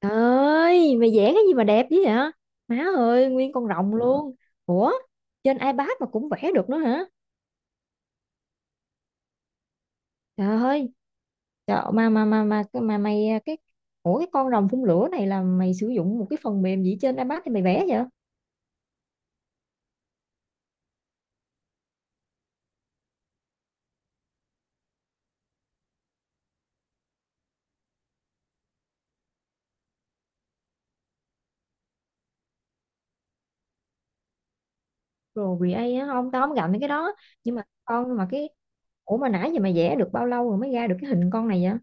Trời ơi, mày vẽ cái gì mà đẹp dữ vậy? Má ơi, nguyên con rồng luôn. Ủa, trên iPad mà cũng vẽ được nữa hả? Trời ơi, trời, mà mày à, Ủa, cái con rồng phun lửa này là mày sử dụng một cái phần mềm gì trên iPad thì mày vẽ vậy? Pro Create á, không, tao không gặp mấy cái đó. Nhưng mà con mà cái Ủa, mà nãy giờ mày vẽ được bao lâu rồi mới ra được cái hình con này vậy?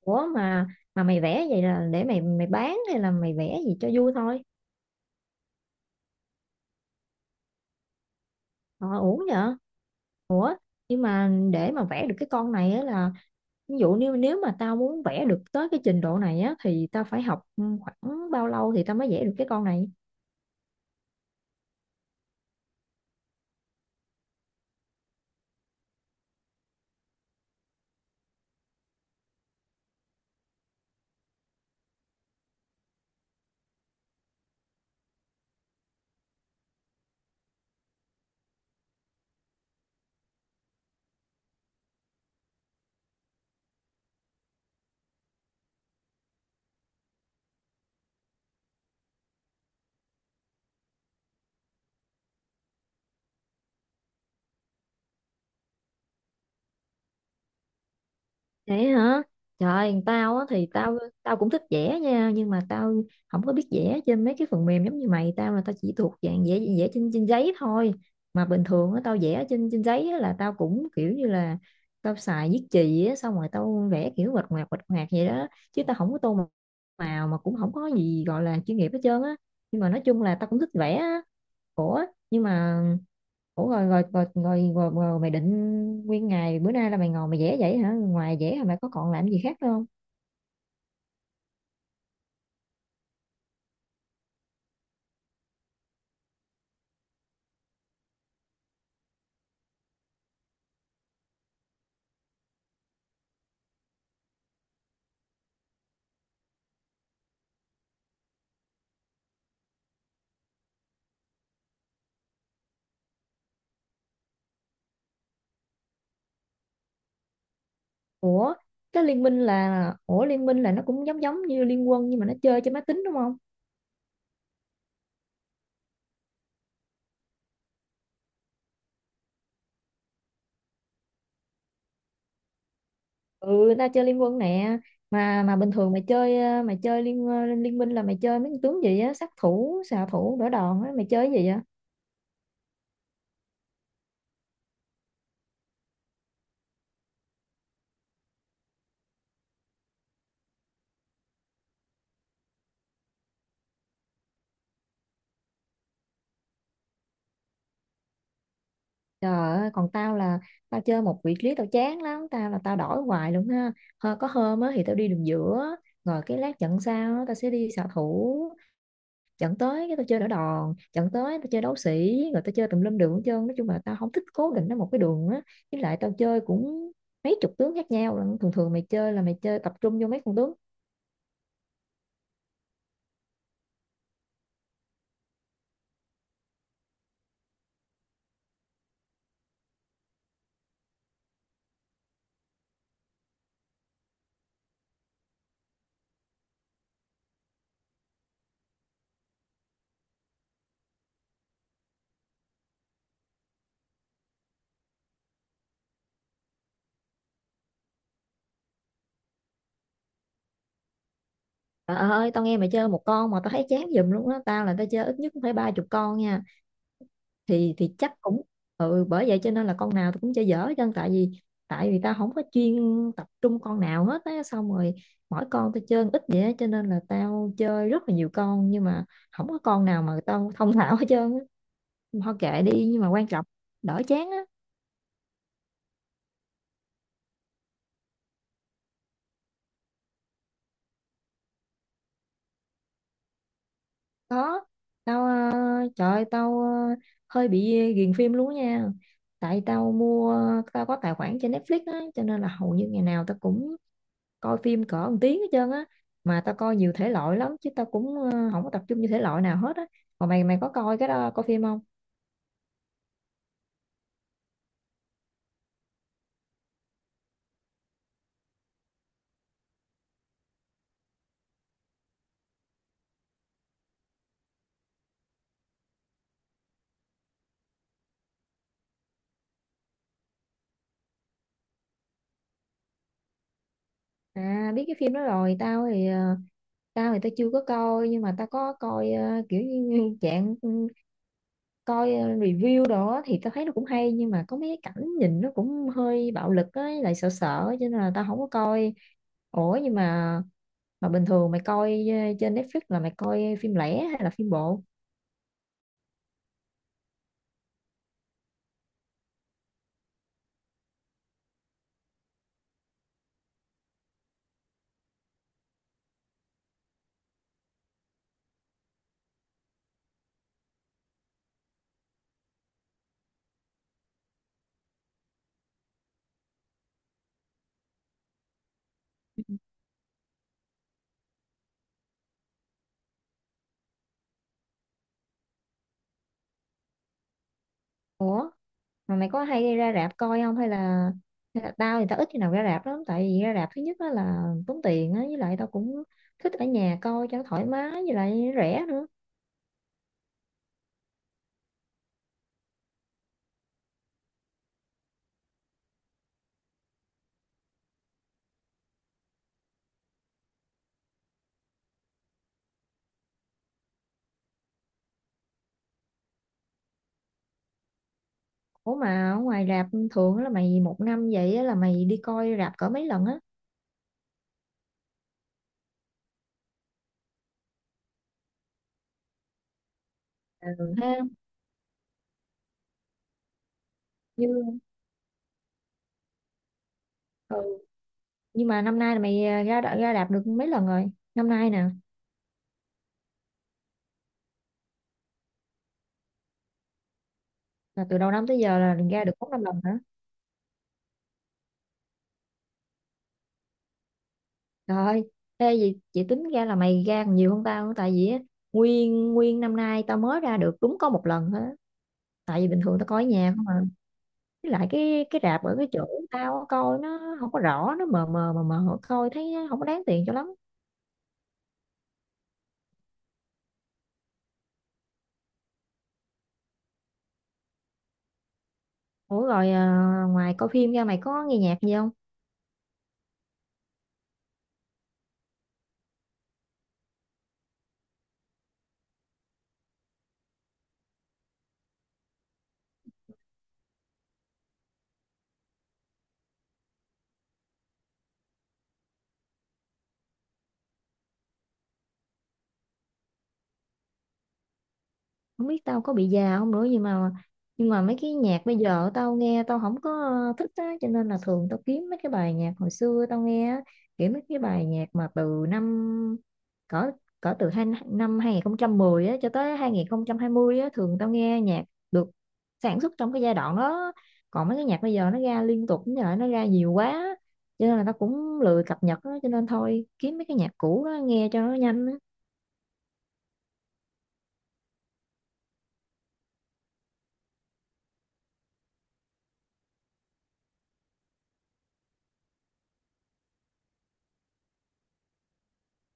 Ủa, mà mày vẽ vậy là để mày mày bán hay là mày vẽ gì cho vui thôi? Ờ, uổng vậy. Nhưng mà để mà vẽ được cái con này á là ví dụ nếu nếu mà tao muốn vẽ được tới cái trình độ này á thì tao phải học, khoảng bao lâu thì tao mới vẽ được cái con này vậy hả? Trời, tao á thì tao tao cũng thích vẽ nha, nhưng mà tao không có biết vẽ trên mấy cái phần mềm giống như mày. Tao là tao chỉ thuộc dạng vẽ vẽ trên trên giấy thôi. Mà bình thường á tao vẽ trên trên giấy á là tao cũng kiểu như là tao xài viết chì á, xong rồi tao vẽ kiểu quạch ngoạc vậy đó, chứ tao không có tô màu, mà cũng không có gì gọi là chuyên nghiệp hết trơn á. Nhưng mà nói chung là tao cũng thích vẽ á. Ủa nhưng mà ủa rồi mày định nguyên ngày bữa nay là mày ngồi mày vẽ vậy hả? Ngoài vẽ hả, mày có còn làm gì khác nữa không? Ủa, cái liên minh là ủa liên minh là nó cũng giống giống như liên quân nhưng mà nó chơi trên máy tính đúng không? Ừ, ta chơi liên quân nè. Mà bình thường mày chơi, mày chơi liên minh là mày chơi mấy con tướng gì á, sát thủ, xạ thủ, đỡ đòn á, mày chơi cái gì vậy? Trời ơi, còn tao là tao chơi một vị trí tao chán lắm, tao là tao đổi hoài luôn ha. Hơ, có hôm á thì tao đi đường giữa, rồi cái lát trận sau á, tao sẽ đi xạ thủ, trận tới cái tao chơi đỡ đòn, trận tới tao chơi đấu sĩ, rồi tao chơi tùm lum đường hết trơn. Nói chung là tao không thích cố định ở một cái đường á. Với lại tao chơi cũng mấy chục tướng khác nhau lận. Thường thường mày chơi là mày chơi tập trung vô mấy con tướng. Trời ơi, tao nghe mày chơi một con mà tao thấy chán giùm luôn á. Tao là tao chơi ít nhất cũng phải ba chục con nha. Thì chắc cũng, bởi vậy cho nên là con nào tôi cũng chơi dở hết trơn. Tại vì tao không có chuyên tập trung con nào hết á, xong rồi mỗi con tao chơi ít vậy á cho nên là tao chơi rất là nhiều con, nhưng mà không có con nào mà tao thông thạo hết trơn á. Thôi kệ đi, nhưng mà quan trọng đỡ chán á. Có, tao, trời ơi, tao, hơi bị ghiền phim luôn á nha. Tại tao có tài khoản trên Netflix á, cho nên là hầu như ngày nào tao cũng coi phim cỡ một tiếng hết trơn á. Mà tao coi nhiều thể loại lắm, chứ tao cũng không có tập trung như thể loại nào hết á. Còn mày mày có coi cái đó, coi phim không? À, biết cái phim đó rồi. Tao thì tao chưa có coi, nhưng mà tao có coi, kiểu như dạng, coi, review đồ á thì tao thấy nó cũng hay, nhưng mà có mấy cái cảnh nhìn nó cũng hơi bạo lực ấy, lại sợ sợ cho nên là tao không có coi. Ủa, nhưng mà bình thường mày coi, trên Netflix là mày coi phim lẻ hay là phim bộ? Ủa, mà mày có hay ra rạp coi không, hay là, tao thì tao ít khi nào ra rạp lắm, tại vì ra rạp thứ nhất á là tốn tiền á, với lại tao cũng thích ở nhà coi cho nó thoải mái, với lại rẻ nữa. Ủa, mà ở ngoài rạp thường á là mày một năm vậy á là mày đi coi rạp cỡ mấy lần á? Ừ, ha. Như, ừ. Nhưng mà năm nay là mày, ra ra rạp được mấy lần rồi năm nay nè? Là từ đầu năm tới giờ là ra được bốn năm lần hả? Trời ơi, thế gì chị tính ra là mày ra còn nhiều hơn tao nữa, tại vì á, nguyên nguyên năm nay tao mới ra được đúng có một lần thôi, tại vì bình thường tao coi ở nhà không à, với lại cái rạp ở cái chỗ tao á, coi nó không có rõ, nó mờ mờ mờ mờ, coi thấy không có đáng tiền cho lắm. Ủa, rồi ngoài coi phim ra mày có nghe nhạc gì không? Không biết tao có bị già không nữa, nhưng mà mấy cái nhạc bây giờ tao nghe tao không có, thích á, cho nên là thường tao kiếm mấy cái bài nhạc hồi xưa tao nghe á, kiểu mấy cái bài nhạc mà từ năm cỡ cỡ từ năm 2010 á cho tới 2020 á, thường tao nghe nhạc được sản xuất trong cái giai đoạn đó. Còn mấy cái nhạc bây giờ nó ra liên tục như vậy, nó ra nhiều quá cho nên là tao cũng lười cập nhật á, cho nên thôi kiếm mấy cái nhạc cũ đó nghe cho nó nhanh á.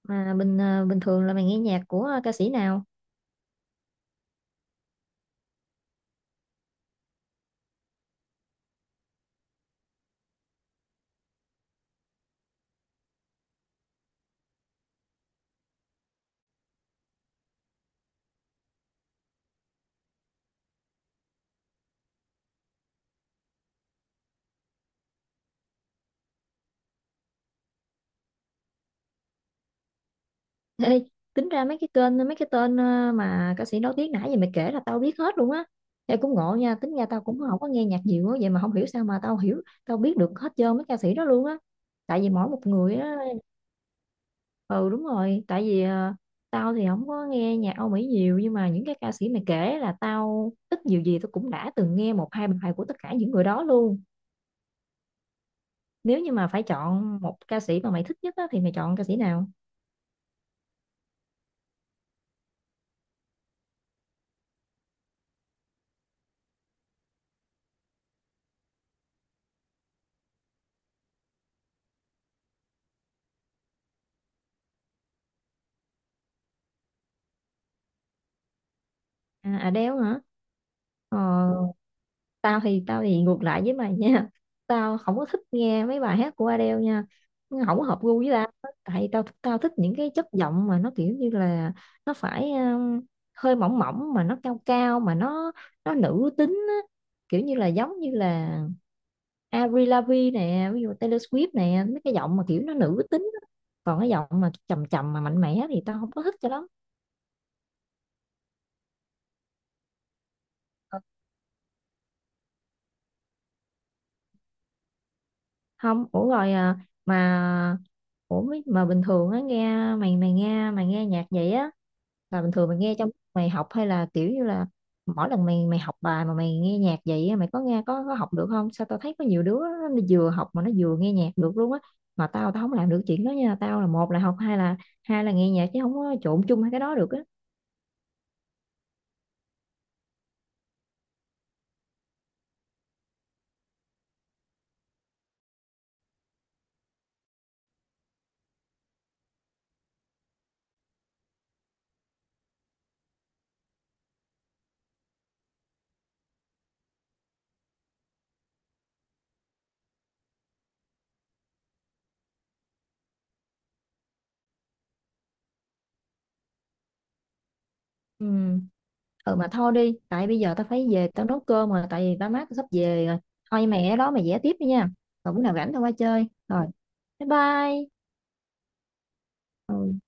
Mà bình thường là mày nghe nhạc của, ca sĩ nào? Ê, tính ra mấy cái tên, mà ca sĩ nổi tiếng nãy giờ mày kể là tao biết hết luôn á. Ê, cũng ngộ nha, tính ra tao cũng không có nghe nhạc nhiều á, vậy mà không hiểu sao mà tao biết được hết trơn mấy ca sĩ đó luôn á. Tại vì mỗi một người á. Ừ, đúng rồi, tại vì tao thì không có nghe nhạc Âu Mỹ nhiều, nhưng mà những cái ca sĩ mày kể là tao ít nhiều gì tao cũng đã từng nghe một hai bài của tất cả những người đó luôn. Nếu như mà phải chọn một ca sĩ mà mày thích nhất á thì mày chọn ca sĩ nào? À, Adele hả? Ờ, tao thì ngược lại với mày nha tao không có thích nghe mấy bài hát của Adele nha, nó không có hợp gu với tao. Tại tao tao thích những cái chất giọng mà nó kiểu như là nó phải, hơi mỏng mỏng mà nó cao cao, mà nó nữ tính á. Kiểu như là giống như là Avril Lavigne nè, ví dụ Taylor Swift nè, mấy cái giọng mà kiểu nó nữ tính á. Còn cái giọng mà trầm trầm mà mạnh mẽ thì tao không có thích cho lắm. Không. Ủa, rồi mà ủa, mấy- mà bình thường á nghe mày mày nghe nhạc vậy á, là bình thường mày nghe trong lúc mày học hay là kiểu như là mỗi lần mày mày học bài mà mày nghe nhạc vậy á, mày có nghe có học được không? Sao tao thấy có nhiều đứa á, nó vừa học mà nó vừa nghe nhạc được luôn á. Mà tao tao không làm được chuyện đó nha, tao là một là học, hai là nghe nhạc, chứ không có trộn chung hai cái đó được á. Ừ. Mà thôi đi, tại bây giờ tao phải về tao nấu cơm rồi, tại vì ba má tao sắp về rồi. Thôi, mày ở đó mày vẽ tiếp đi nha. Rồi bữa nào rảnh tao qua chơi. Rồi, bye bye. Ừ.